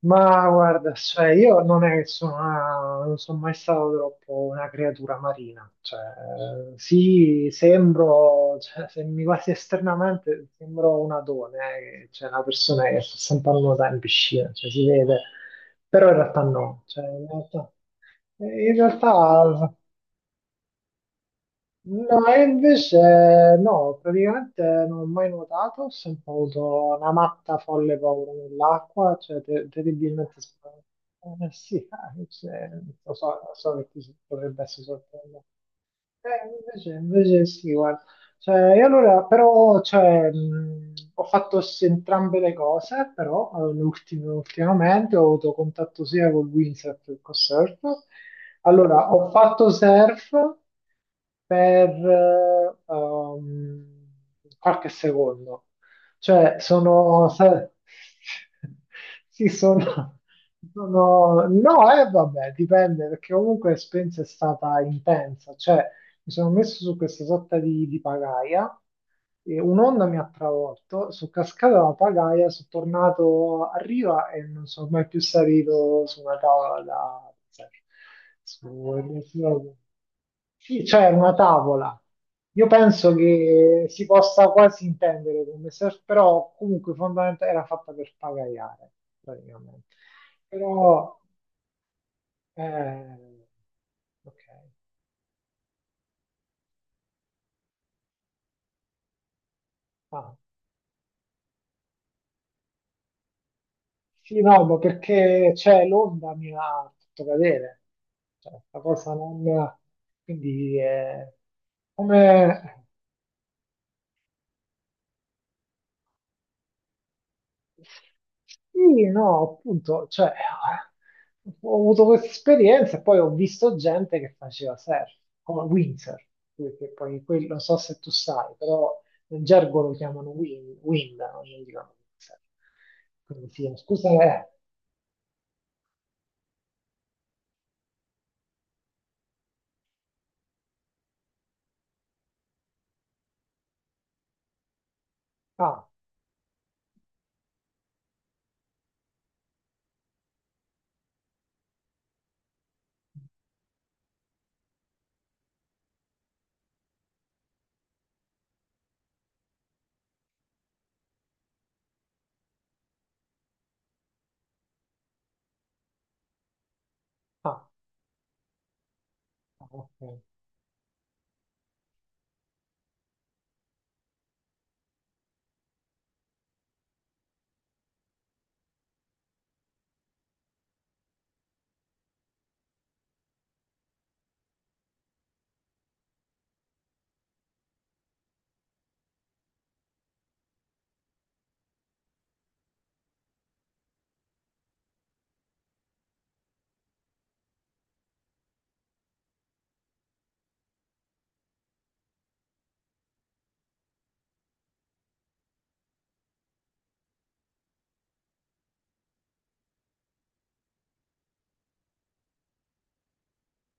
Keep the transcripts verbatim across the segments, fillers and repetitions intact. Ma guarda, cioè, io non è che sono, una- non sono mai stato troppo una creatura marina, cioè, eh, sì, sembro, cioè, se mi guardi esternamente, sembro un adone, eh, cioè una persona che sta sempre a nuotare in piscina, cioè, si vede, però in realtà no, cioè, in realtà, eh, in realtà No, e invece no, praticamente non ho mai nuotato, ho sempre avuto una matta folle paura nell'acqua, cioè te- terribilmente spaventato. Eh, sì, eh, cioè, lo so, lo so che ti potrebbe essere sorprendente. Eh, invece, invece sì, guarda, cioè, e allora, però, cioè, mh, ho fatto s- entrambe le cose, però eh, le ultime- ultimamente ho avuto contatto sia con windsurf che con surf. Allora, ho fatto surf per eh, um, qualche secondo. Cioè, sono... sa- sì, sono... sono- No, eh, vabbè, dipende, perché comunque l'esperienza è stata intensa. Cioè, mi sono messo su questa sorta di, di pagaia e un'onda mi ha travolto, sono cascato dalla pagaia, sono tornato a riva e non sono mai più salito su una tavola da. su- su- Sì, cioè una tavola. Io penso che si possa quasi intendere come surf, però comunque fondamentalmente era fatta per pagaiare, praticamente. Però, eh, ok. Ah. Sì, no, ma perché c'è l'onda mi ha fatto cadere, cioè, la cosa non. Quindi, eh, come. Sì, no, appunto, cioè, ho avuto questa esperienza e poi ho visto gente che faceva surf, come windsurf, che poi quello, non so se tu sai, però nel gergo lo chiamano wind, wind, no? Non gli dicono windsurf. Quindi sì, scusa, eh, ah, ah, ah, ok.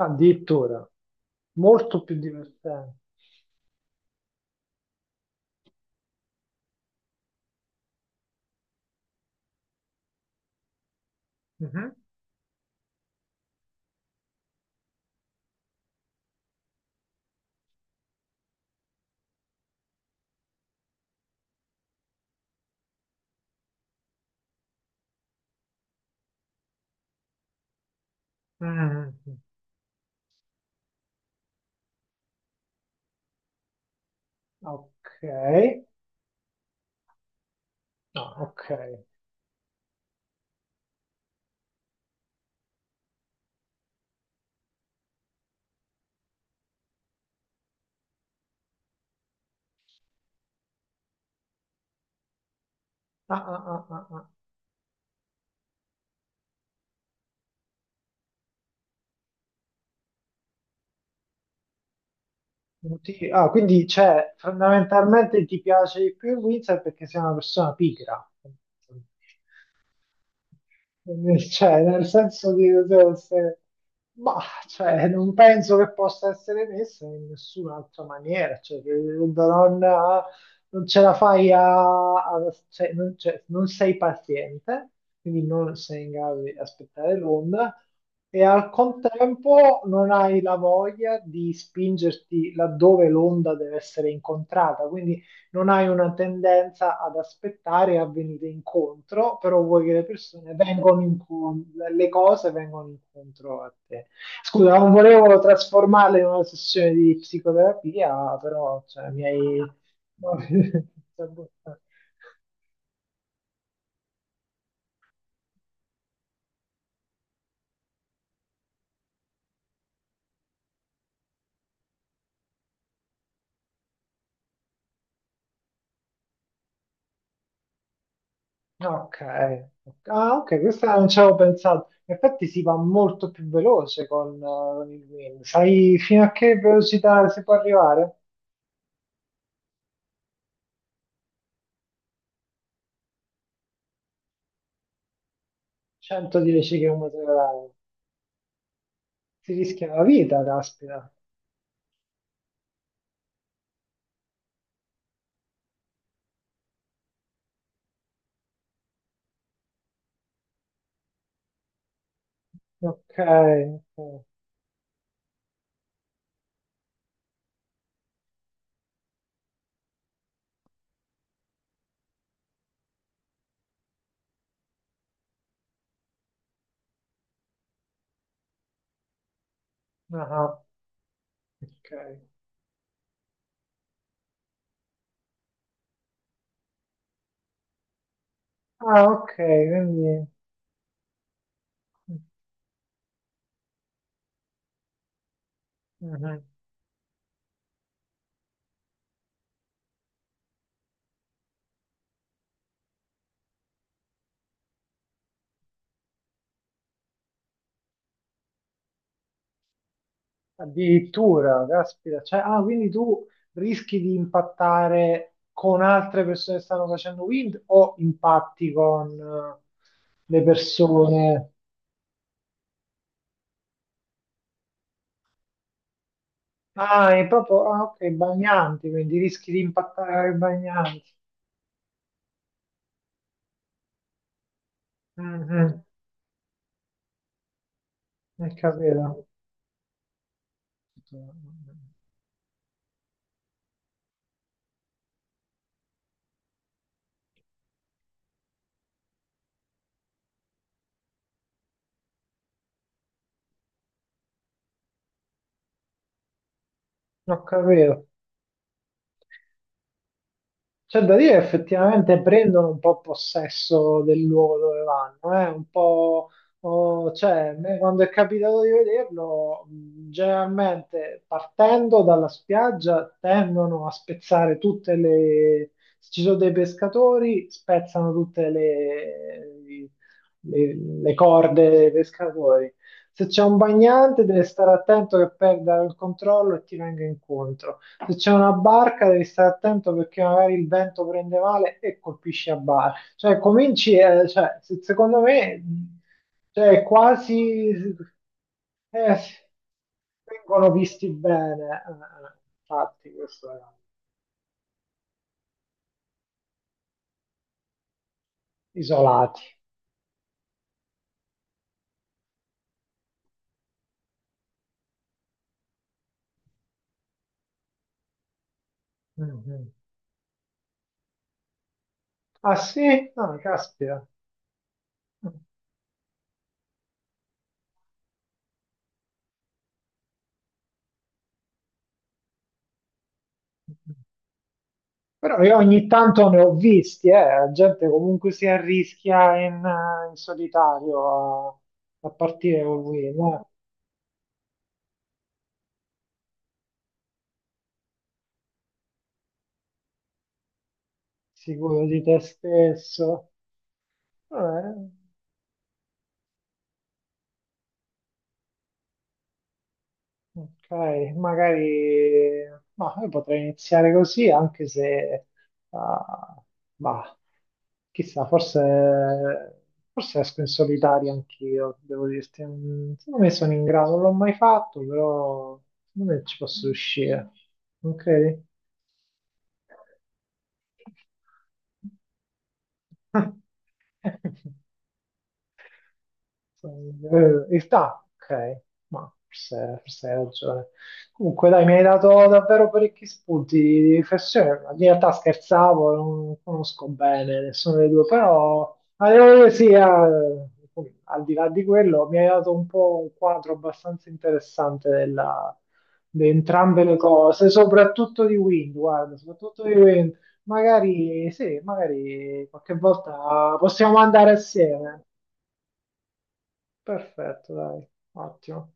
Addirittura. Molto più divertente. Mhm. Mm. Ok. Ah, ok. Ah, ah, ah, ah, ah. Motivi- ah, quindi cioè, fondamentalmente ti piace di più il Windsor perché sei una persona pigra. Nel- Cioè, nel senso di, cioè, se- ma, cioè, non penso che possa essere messa in nessun'altra maniera. Cioè, che non, non ce la fai a a- cioè, non, cioè, non sei paziente, quindi non sei in grado di aspettare l'onda e al contempo non hai la voglia di spingerti laddove l'onda deve essere incontrata. Quindi non hai una tendenza ad aspettare e a venire incontro, però vuoi che le persone vengano incontro, le cose vengano incontro a te. Scusa, non volevo trasformarla in una sessione di psicoterapia, però cioè, mi hai. Ok, ok. Ah, ok, questa non ci avevo pensato. In effetti si va molto più veloce con, eh, con il wind. Sai fino a che velocità si può arrivare? centodieci chilometri all'ora. Si rischia la vita, caspita. Ok, ok. Ah, ok. Ah, ok, quindi. Mhm. Addirittura, caspita. Cioè, ah, quindi tu rischi di impattare con altre persone che stanno facendo wind o impatti con eh, le persone. Ah, è proprio. Ah, ok, bagnanti, quindi rischi di impattare con i bagnanti. Mhm, Ho capito. Ho capito. C'è da dire che effettivamente prendono un po' possesso del luogo dove vanno, eh? Un po', oh, cioè, a me quando è capitato di vederlo, mh, generalmente partendo dalla spiaggia tendono a spezzare tutte le. Se ci sono dei pescatori, spezzano tutte le, le- le corde dei pescatori. Se c'è un bagnante, deve stare attento che perda il controllo e ti venga incontro. Se c'è una barca devi stare attento perché magari il vento prende male e colpisce a barca. Cioè, cominci, eh, cioè, se- secondo me, mh, cioè, è quasi. Eh, sì, vengono visti bene, eh, infatti, questo è- isolati. Mhm. Ah sì? Ah, caspita. Però io ogni tanto ne ho visti, eh, la gente comunque si arrischia in, eh, in solitario a, a partire con lui, no? Sicuro di te stesso. Eh, ok, magari ma io potrei iniziare così, anche se ah, bah, chissà, forse, forse esco in solitaria anch'io, devo dirti. Mm, Secondo me sono in grado, non l'ho mai fatto, però secondo me ci posso riuscire. Non credi? Eh, in realtà, ok, ma forse, forse hai ragione. Comunque, dai, mi hai dato davvero parecchi spunti di riflessione. In realtà scherzavo, non conosco bene nessuno dei due, però eh, sì, eh, al di là di quello, mi hai dato un po' un quadro abbastanza interessante della- di entrambe le cose, soprattutto di Wind, guarda, soprattutto di Wind. Magari sì, magari qualche volta possiamo andare assieme. Perfetto, dai, ottimo.